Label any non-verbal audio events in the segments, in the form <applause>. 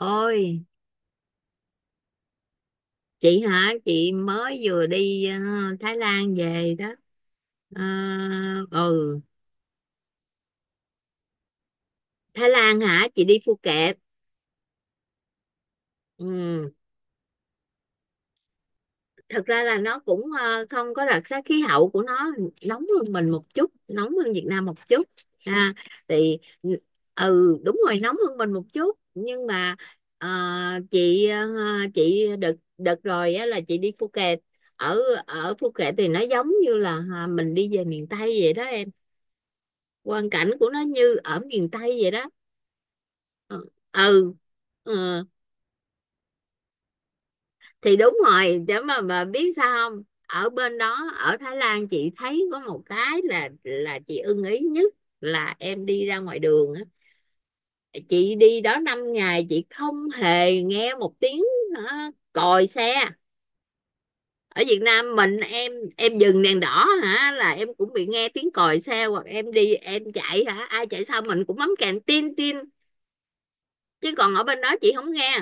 Ôi, chị hả? Chị mới vừa đi Thái Lan về đó. Ờ, ừ, Thái Lan hả? Chị đi Phuket. Ừ, thật ra là nó cũng không có đặc sắc. Khí hậu của nó nóng hơn mình một chút, nóng hơn Việt Nam một chút. Ha, thì ừ đúng rồi, nóng hơn mình một chút, nhưng mà ờ, chị ờ, chị đợt đợt rồi á, là chị đi Phuket. Ở ở Phuket thì nó giống như là mình đi về miền Tây vậy đó, quang cảnh của nó như ở miền Tây vậy đó. Ừ, ừ. Ờ, thì đúng rồi, để mà biết sao không, ở bên đó, ở Thái Lan chị thấy có một cái là chị ưng ý nhất là em đi ra ngoài đường á, chị đi đó 5 ngày chị không hề nghe một tiếng còi xe. Ở Việt Nam mình, em dừng đèn đỏ hả là em cũng bị nghe tiếng còi xe, hoặc em đi em chạy hả, ai chạy sau mình cũng bấm kèn tin tin, chứ còn ở bên đó chị không nghe.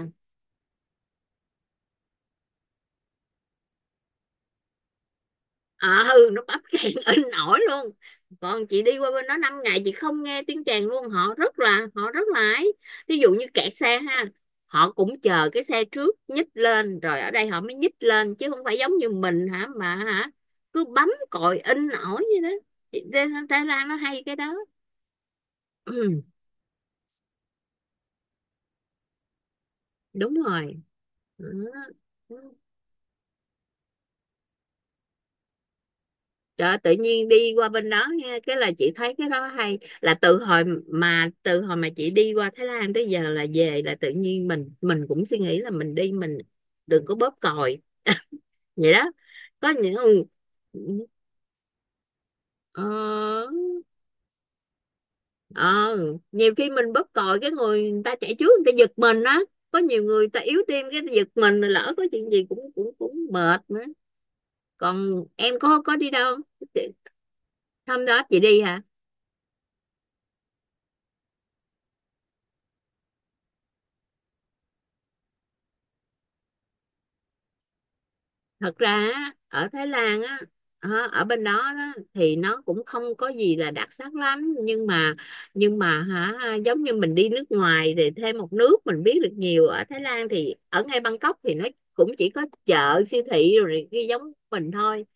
Nó bắp càng <laughs> in ỏi luôn, còn chị đi qua bên đó 5 ngày chị không nghe tiếng Tràn luôn. Họ rất là ấy ví dụ như kẹt xe ha, họ cũng chờ cái xe trước nhích lên rồi ở đây họ mới nhích lên, chứ không phải giống như mình hả mà hả cứ bấm còi in ỏi như đó. Thì Thái Thái Lan nó hay cái đó. Ừ, đúng rồi. Ừ. Đó, tự nhiên đi qua bên đó nha, cái là chị thấy cái đó hay, là từ hồi mà chị đi qua Thái Lan tới giờ là về, là tự nhiên mình cũng suy nghĩ là mình đi mình đừng có bóp còi, vậy đó. Có những ờ, ờ, nhiều khi mình bóp còi, cái người ta chạy trước người ta giật mình á, có nhiều người ta yếu tim cái giật mình, lỡ có chuyện gì cũng cũng cũng mệt nữa. Còn em có đi đâu không? Hôm đó chị đi hả, thật ra á, ở Thái Lan á, ở bên đó, đó thì nó cũng không có gì là đặc sắc lắm, nhưng mà hả giống như mình đi nước ngoài thì thêm một nước mình biết được nhiều. Ở Thái Lan thì ở ngay Bangkok thì nó cũng chỉ có chợ, siêu thị rồi này kia giống mình thôi.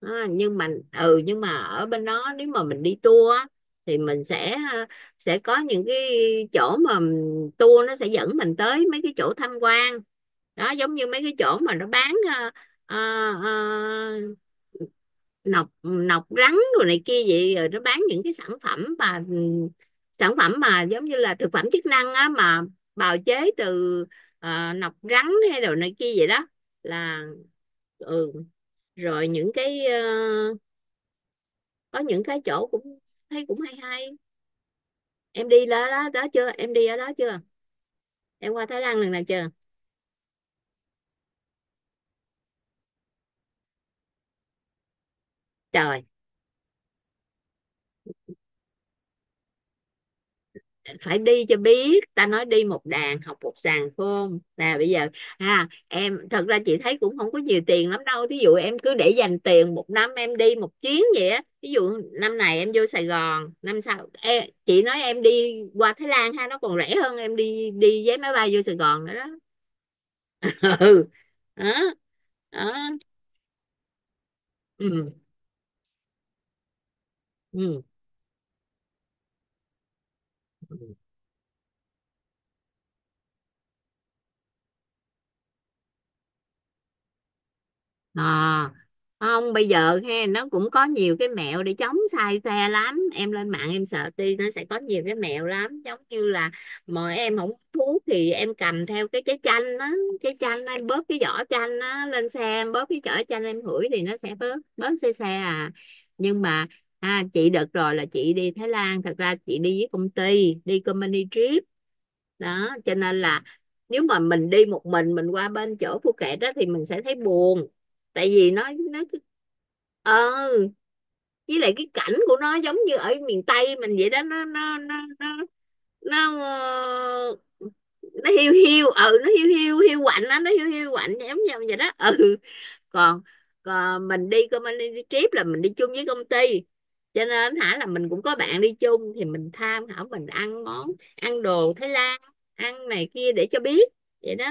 À, nhưng mà ừ, nhưng mà ở bên đó, nếu mà mình đi tour á, thì mình sẽ sẽ có những cái chỗ mà tour nó sẽ dẫn mình tới mấy cái chỗ tham quan đó, giống như mấy cái chỗ mà nó bán Ờ, ờ, nọc nọc rắn rồi này kia vậy, rồi nó bán những cái sản phẩm mà giống như là thực phẩm chức năng á, mà bào chế từ nọc rắn hay đồ này kia vậy đó. Là ừ Rồi những cái có những cái chỗ cũng thấy cũng hay hay. Em đi đó đó, đó chưa, em đi ở đó chưa, em qua Thái Lan lần nào chưa? Trời, phải đi cho biết, ta nói đi một đàn học một sàng khôn, không nè bây giờ. Em, thật ra chị thấy cũng không có nhiều tiền lắm đâu, thí dụ em cứ để dành tiền một năm em đi một chuyến vậy á. Ví dụ năm này em vô Sài Gòn, năm sau chị nói em đi qua Thái Lan ha, nó còn rẻ hơn em đi đi vé máy bay vô Sài Gòn nữa đó. <laughs> Ừ. Đó. Đó. Ừ. Ừ. à, Không, bây giờ nó cũng có nhiều cái mẹo để chống sai xe lắm, em lên mạng em search đi, nó sẽ có nhiều cái mẹo lắm, giống như là mà em không hút thuốc thì em cầm theo cái trái chanh á, trái chanh em bóp cái vỏ chanh á, lên xe em bóp cái vỏ chanh em hửi thì nó sẽ bớt bớt xe xe à. Nhưng mà à, chị đợt rồi là chị đi Thái Lan, thật ra chị đi với công ty, đi company trip đó, cho nên là nếu mà mình đi một mình qua bên chỗ Phuket đó thì mình sẽ thấy buồn, tại vì nó cứ- ờ với lại cái cảnh của nó giống như ở miền Tây mình vậy đó, nó ờ, nó hiu hiu. Ừ, nó hiu hiu hiu quạnh á, nó hiu hiu quạnh giống như vậy đó. Ừ. Còn, còn mình đi công anh đi trip là mình đi chung với công ty, cho nên là mình cũng có bạn đi chung, thì mình tham khảo mình ăn món ăn đồ Thái Lan, ăn này kia để cho biết vậy đó.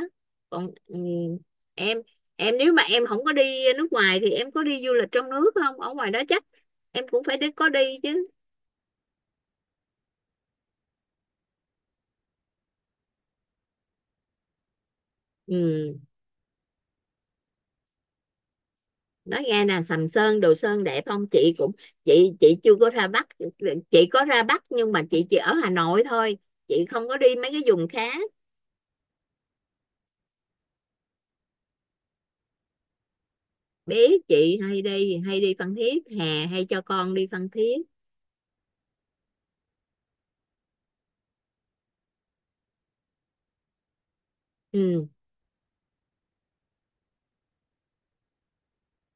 Còn em em nếu mà em không có đi nước ngoài thì em có đi du lịch trong nước không, ở ngoài đó chắc em cũng phải đi, có đi chứ. Ừ, nói nghe nè, Sầm Sơn Đồ Sơn đẹp không? Chị cũng chị chưa có ra Bắc, chị có ra Bắc nhưng mà chị chỉ ở Hà Nội thôi, chị không có đi mấy cái vùng khác. Biết, chị hay đi Phan Thiết, hè hay cho con đi Phan Thiết. Ừ.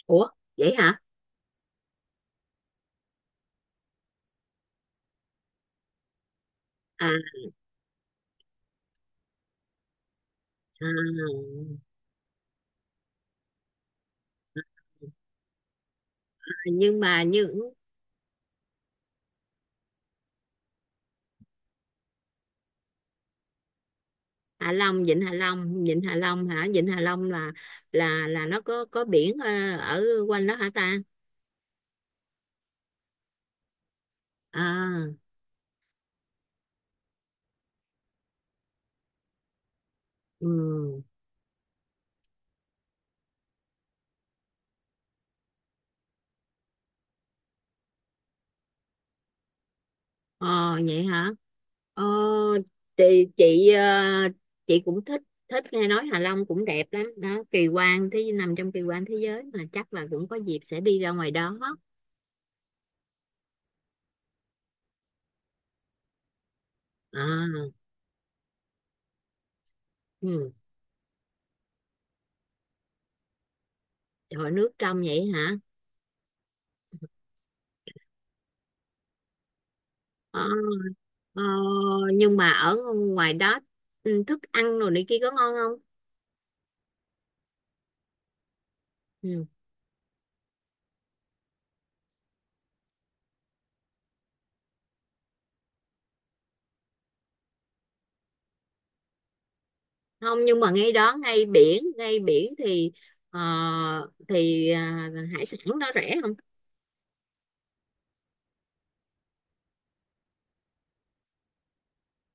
Ủa, vậy hả? À, nhưng mà như Hạ Long, Vịnh Hạ Long, Vịnh Hạ Long hả Vịnh Hạ Long là là nó có biển ở quanh đó hả ta? À. Ừ. Ờ, vậy hả? Ờ, chị chị ờ, chị cũng thích, thích nghe nói Hạ Long cũng đẹp lắm đó, kỳ quan thế, nằm trong kỳ quan thế giới mà, chắc là cũng có dịp sẽ đi ra ngoài đó. À. Ừ. Rồi, nước trong vậy hả? Ờ. ờ, nhưng mà ở ngoài đó thức ăn rồi này kia có ngon không? Ừ. Không, nhưng mà ngay đó, ngay biển, ngay biển thì ờ, thì hải sản đó rẻ không?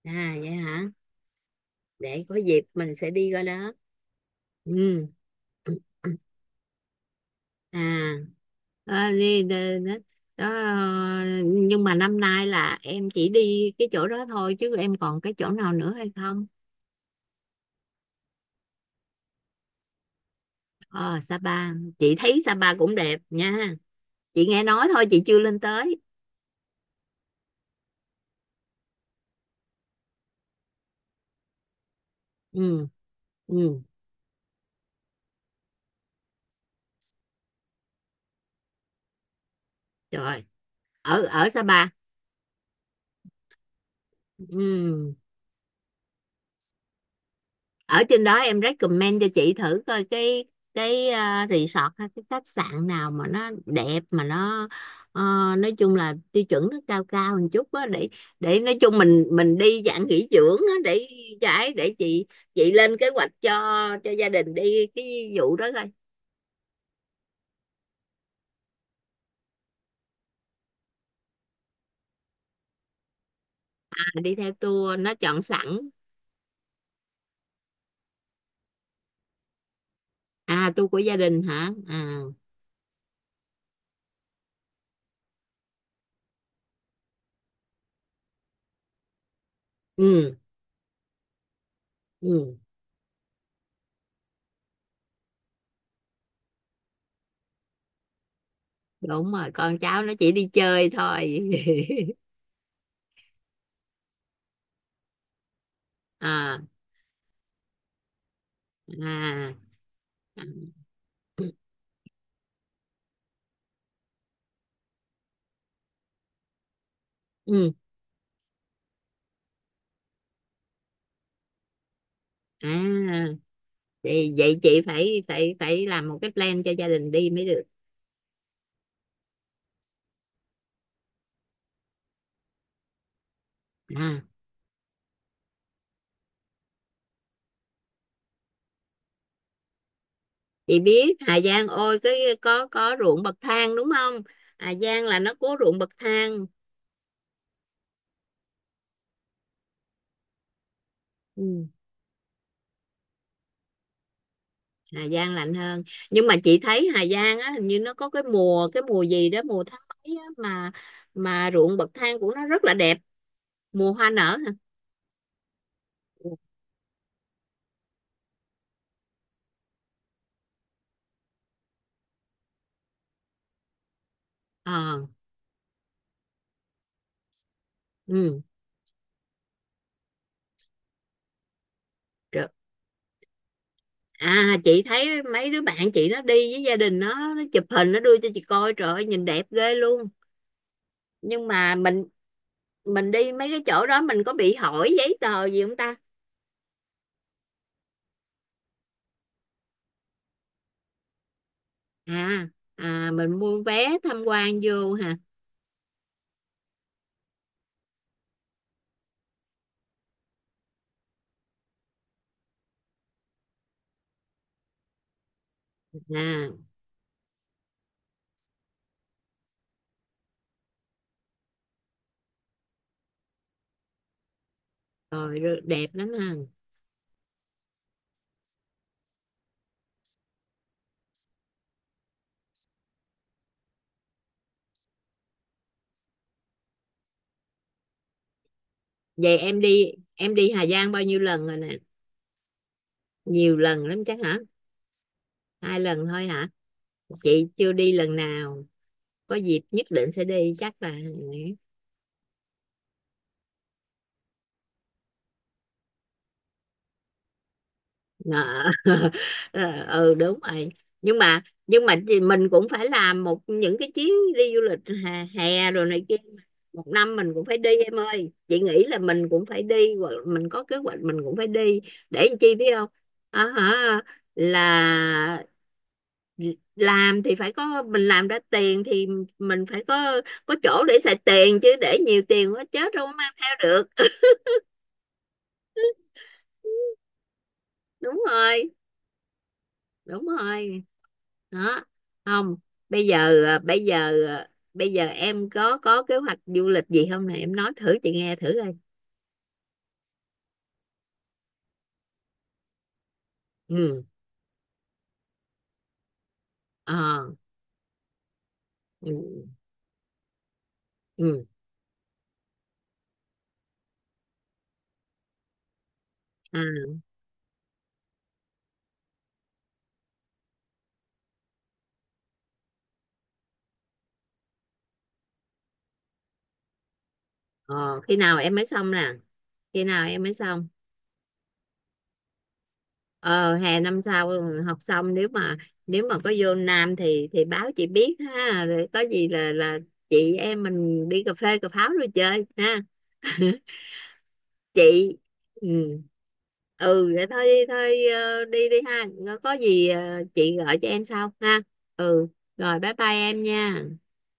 À, vậy hả? Để có dịp mình sẽ đi coi đó. Ừ. <clears throat> À, à, đi, đi, đó, đó, nhưng mà năm nay là em chỉ đi cái chỗ đó thôi chứ, em còn cái chỗ nào nữa hay không? Ờ, Sapa, chị thấy Sapa cũng đẹp nha, chị nghe nói thôi, chị chưa lên tới. Ừ. Ừ. Trời, ở ở Sapa ừ, ở trên đó em recommend cho chị thử coi cái resort hay cái khách sạn nào mà nó đẹp, mà nó ờ, nói chung là tiêu chuẩn nó cao cao một chút á, để nói chung mình đi dạng nghỉ dưỡng á, để trái để chị lên kế hoạch cho gia đình đi cái vụ đó coi. À, đi theo tour nó chọn sẵn. À, tu của gia đình hả? À. Ừ. Ừ, đúng rồi, con cháu nó chỉ đi chơi thôi. <laughs> À. À. À. Ừ. À, thì vậy chị phải phải phải làm một cái plan cho gia đình đi mới được. À, chị biết Hà Giang, ôi cái có ruộng bậc thang đúng không, Hà Giang là nó có ruộng bậc thang. Ừ. Hà Giang lạnh hơn, nhưng mà chị thấy Hà Giang á, hình như nó có cái mùa, cái mùa gì đó, mùa tháng mấy á, mà ruộng bậc thang của nó rất là đẹp. Mùa hoa nở hả? Ờ. Ừ. Được, à chị thấy mấy đứa bạn chị nó đi với gia đình, nó chụp hình nó đưa cho chị coi, trời ơi nhìn đẹp ghê luôn, nhưng mà mình đi mấy cái chỗ đó mình có bị hỏi giấy tờ gì không ta? À. À, mình mua vé tham quan vô hả? À. Rồi rồi, đẹp lắm ha. Vậy em đi Hà Giang bao nhiêu lần rồi nè, nhiều lần lắm chắc hả? 2 lần thôi hả? Chị chưa đi lần nào, có dịp nhất định sẽ đi chắc là. Dạ. <laughs> Ờ, ừ, đúng rồi, nhưng mà thì mình cũng phải làm một những cái chuyến đi du lịch, hè, hè rồi này kia, một năm mình cũng phải đi em ơi, chị nghĩ là mình cũng phải đi, hoặc mình có kế hoạch mình cũng phải đi, để làm chi biết không, à, hả là làm thì phải có, mình làm ra tiền thì mình phải có chỗ để xài tiền chứ, để nhiều tiền quá chết đâu có mang theo được. <laughs> Đúng rồi, đúng rồi. Đó. Không, bây giờ bây giờ em có kế hoạch du lịch gì không nè, em nói thử chị nghe thử coi. Ừ. Ờ. Ừ. Ừ. À. Ờ, khi nào em mới xong nè, khi nào em mới xong? Ờ, hè năm sau học xong, nếu mà có vô Nam thì báo chị biết ha, rồi có gì là chị em mình đi cà phê cà pháo rồi chơi ha. <laughs> Chị, ừ, ừ vậy thôi, đi thôi, đi đi ha, có gì chị gọi cho em sau ha. Ừ, rồi bye bye em nha.